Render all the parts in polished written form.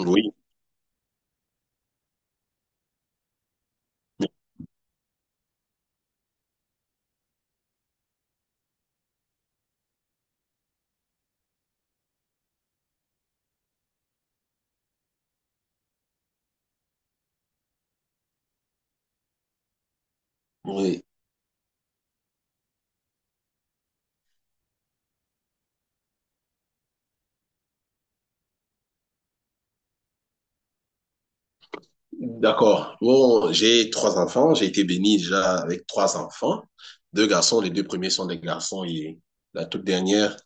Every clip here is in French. Oui, oui. D'accord. Bon, j'ai trois enfants. J'ai été béni déjà avec trois enfants. Deux garçons. Les deux premiers sont des garçons et la toute dernière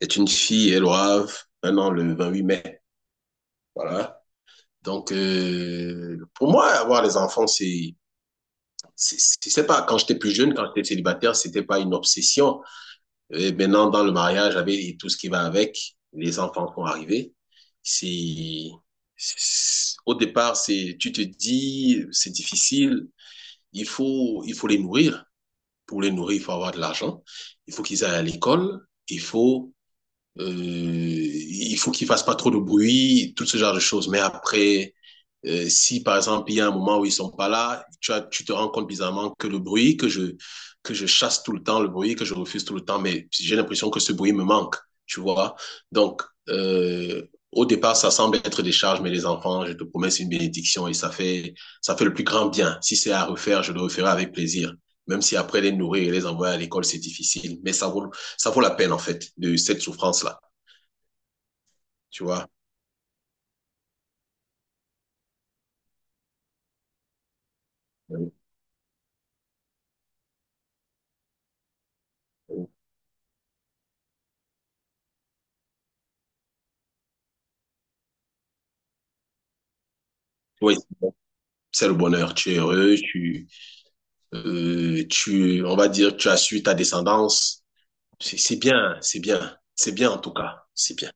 est une fille. Elle aura 1 an le 8 mai. Voilà. Donc, pour moi, avoir des enfants, c'est je sais pas, quand j'étais plus jeune, quand j'étais célibataire, c'était pas une obsession. Et maintenant, dans le mariage, avec tout ce qui va avec, les enfants vont arriver. C'est, Au départ, tu te dis, c'est difficile. Il faut les nourrir. Pour les nourrir, il faut avoir de l'argent. Il faut qu'ils aillent à l'école. Il faut qu'il fasse pas trop de bruit, tout ce genre de choses. Mais après, si par exemple il y a un moment où ils sont pas là, tu tu te rends compte bizarrement que le bruit que je chasse tout le temps, le bruit que je refuse tout le temps, mais j'ai l'impression que ce bruit me manque, tu vois. Donc euh, au départ, ça semble être des charges, mais les enfants, je te promets, c'est une bénédiction et ça fait le plus grand bien. Si c'est à refaire, je le referai avec plaisir. Même si après les nourrir et les envoyer à l'école, c'est difficile, mais ça vaut la peine, en fait, de cette souffrance-là, tu vois. Euh, Oui, c'est le bonheur. Tu es heureux, tu, on va dire, tu as su ta descendance. C'est bien, c'est bien, c'est bien en tout cas, c'est bien.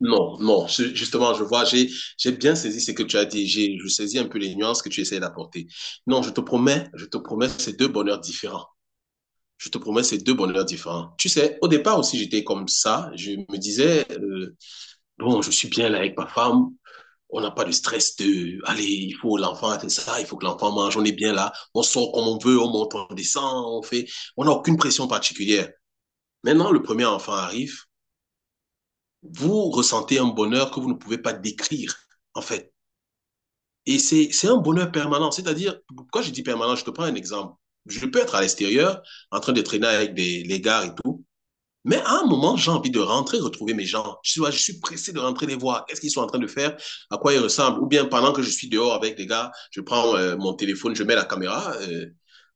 Non, non, justement, je vois, j'ai bien saisi ce que tu as dit, je saisis un peu les nuances que tu essayes d'apporter. Non, je te promets, c'est deux bonheurs différents. Je te promets, c'est deux bonheurs différents. Tu sais, au départ aussi, j'étais comme ça. Je me disais, bon, je suis bien là avec ma femme. On n'a pas de stress de, allez, il faut l'enfant fait ça, il faut que l'enfant mange, on est bien là, on sort comme on veut, on monte, on descend, on fait, on n'a aucune pression particulière. Maintenant, le premier enfant arrive, vous ressentez un bonheur que vous ne pouvez pas décrire, en fait. Et c'est un bonheur permanent. C'est-à-dire, quand je dis permanent, je te prends un exemple. Je peux être à l'extérieur, en train de traîner avec des, les gars et tout. Mais à un moment, j'ai envie de rentrer, retrouver mes gens. Je suis pressé de rentrer les voir. Qu'est-ce qu'ils sont en train de faire? À quoi ils ressemblent? Ou bien pendant que je suis dehors avec les gars, je prends mon téléphone, je mets la caméra, euh,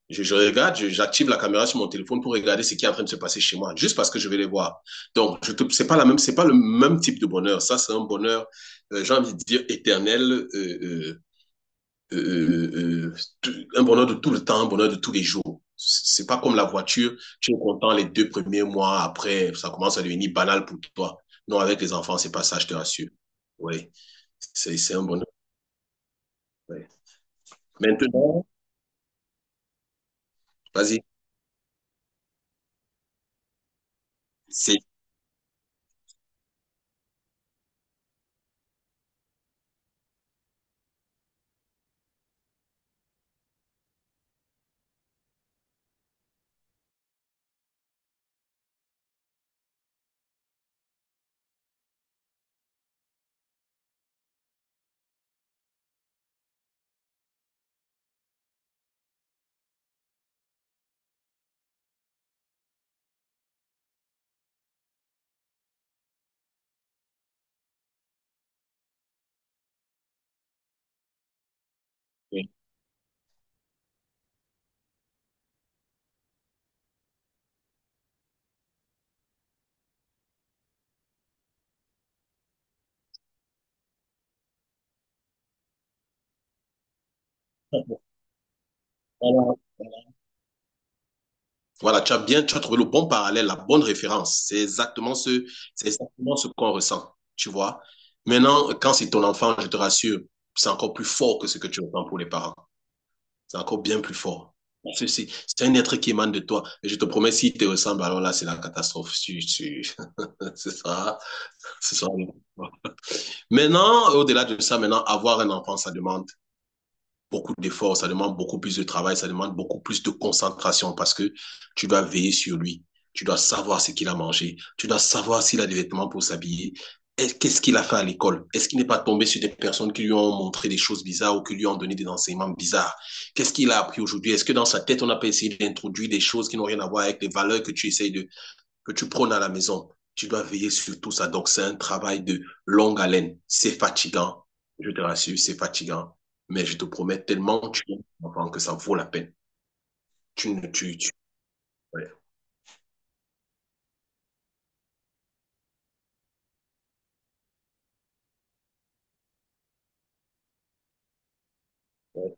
je, je, regarde, j'active la caméra sur mon téléphone pour regarder ce qui est en train de se passer chez moi, juste parce que je vais les voir. Donc, c'est pas la même, c'est pas le même type de bonheur. Ça, c'est un bonheur, j'ai envie de dire éternel, euh, un bonheur de tout le temps, un bonheur de tous les jours. C'est pas comme la voiture, tu es content les deux premiers mois, après, ça commence à devenir banal pour toi. Non, avec les enfants, c'est pas ça, je te rassure. Oui, c'est un bonheur. Ouais. Maintenant, vas-y, c'est. Voilà, voilà, tu as trouvé le bon parallèle, la bonne référence. C'est exactement ce qu'on ressent, tu vois. Maintenant, quand c'est ton enfant, je te rassure, c'est encore plus fort que ce que tu ressens pour les parents. C'est encore bien plus fort. C'est un être qui émane de toi. Et je te promets, s'il te ressemble, alors là, c'est la catastrophe. C'est ça. C'est ça. Maintenant, au-delà de ça, maintenant, avoir un enfant, ça demande beaucoup d'efforts, ça demande beaucoup plus de travail, ça demande beaucoup plus de concentration parce que tu dois veiller sur lui. Tu dois savoir ce qu'il a mangé. Tu dois savoir s'il a des vêtements pour s'habiller. Qu'est-ce qu'il a fait à l'école? Est-ce qu'il n'est pas tombé sur des personnes qui lui ont montré des choses bizarres ou qui lui ont donné des enseignements bizarres? Qu'est-ce qu'il a appris aujourd'hui? Est-ce que dans sa tête, on n'a pas essayé d'introduire des choses qui n'ont rien à voir avec les valeurs que tu essayes de, que tu prônes à la maison? Tu dois veiller sur tout ça. Donc, c'est un travail de longue haleine. C'est fatigant. Je te rassure, c'est fatigant. Mais je te promets tellement tu que ça vaut la peine. Tu ne, tu... Ouais. Ouais.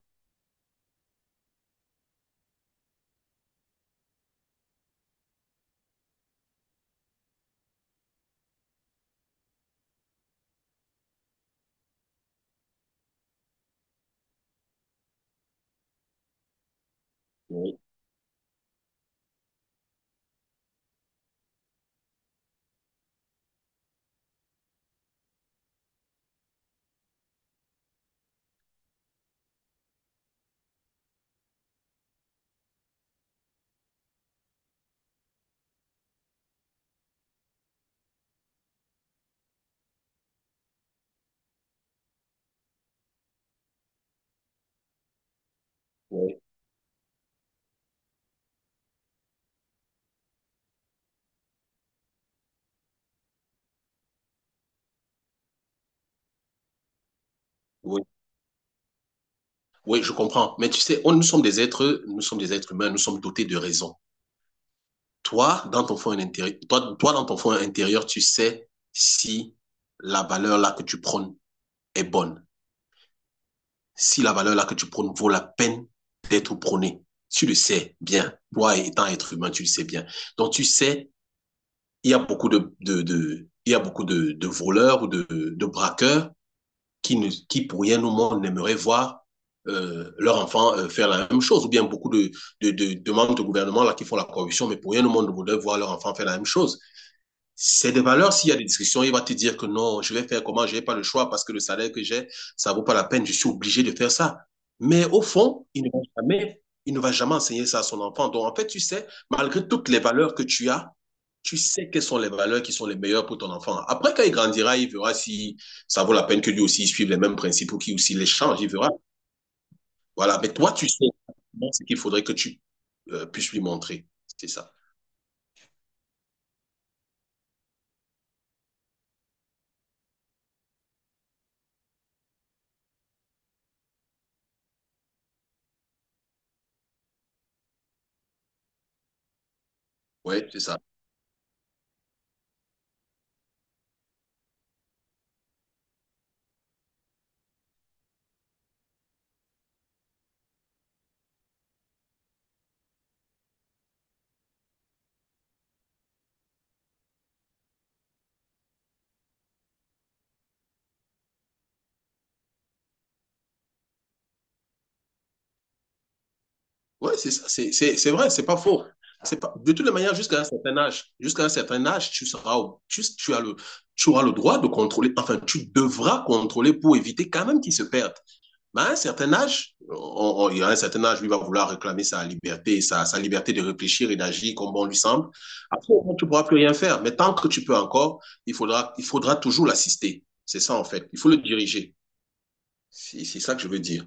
Ouais. Oui, oui, je comprends. Mais tu sais, on, nous sommes des êtres, nous sommes des êtres humains, nous sommes dotés de raison. Toi, dans ton fond intérieur, toi, toi dans ton fond intérieur, tu sais si la valeur là que tu prônes est bonne. Si la valeur là que tu prônes vaut la peine d'être prônée. Tu le sais bien. Toi, étant être humain, tu le sais bien. Donc, tu sais, il y a beaucoup de il y a beaucoup de voleurs ou de braqueurs qui, pour rien au monde, n'aimeraient voir leur enfant faire la même chose. Ou bien beaucoup de membres du gouvernement là, qui font la corruption, mais pour rien au monde ne voudraient voir leur enfant faire la même chose. C'est des valeurs, s'il y a des discussions, il va te dire que non, je vais faire comment, je n'ai pas le choix parce que le salaire que j'ai, ça ne vaut pas la peine, je suis obligé de faire ça. Mais au fond, il ne va jamais enseigner ça à son enfant. Donc en fait, tu sais, malgré toutes les valeurs que tu as, tu sais quelles sont les valeurs qui sont les meilleures pour ton enfant. Après, quand il grandira, il verra si ça vaut la peine que lui aussi il suive les mêmes principes ou qu'il aussi les change, il verra. Voilà, mais toi, tu sais ce qu'il faudrait que tu puisses lui montrer. C'est ça. Oui, c'est ça. Oui, c'est ça, c'est vrai, c'est pas faux. C'est pas, de toutes les manières, jusqu'à un certain âge, jusqu'à un certain âge, tu seras, tu tu auras le droit de contrôler, enfin, tu devras contrôler pour éviter quand même qu'ils se perdent. Mais à un certain âge, il y a un certain âge, lui va vouloir réclamer sa liberté, sa liberté de réfléchir et d'agir comme bon lui semble. Après, au moins, tu ne pourras plus rien faire. Mais tant que tu peux encore, il faudra toujours l'assister. C'est ça, en fait. Il faut le diriger. C'est ça que je veux dire.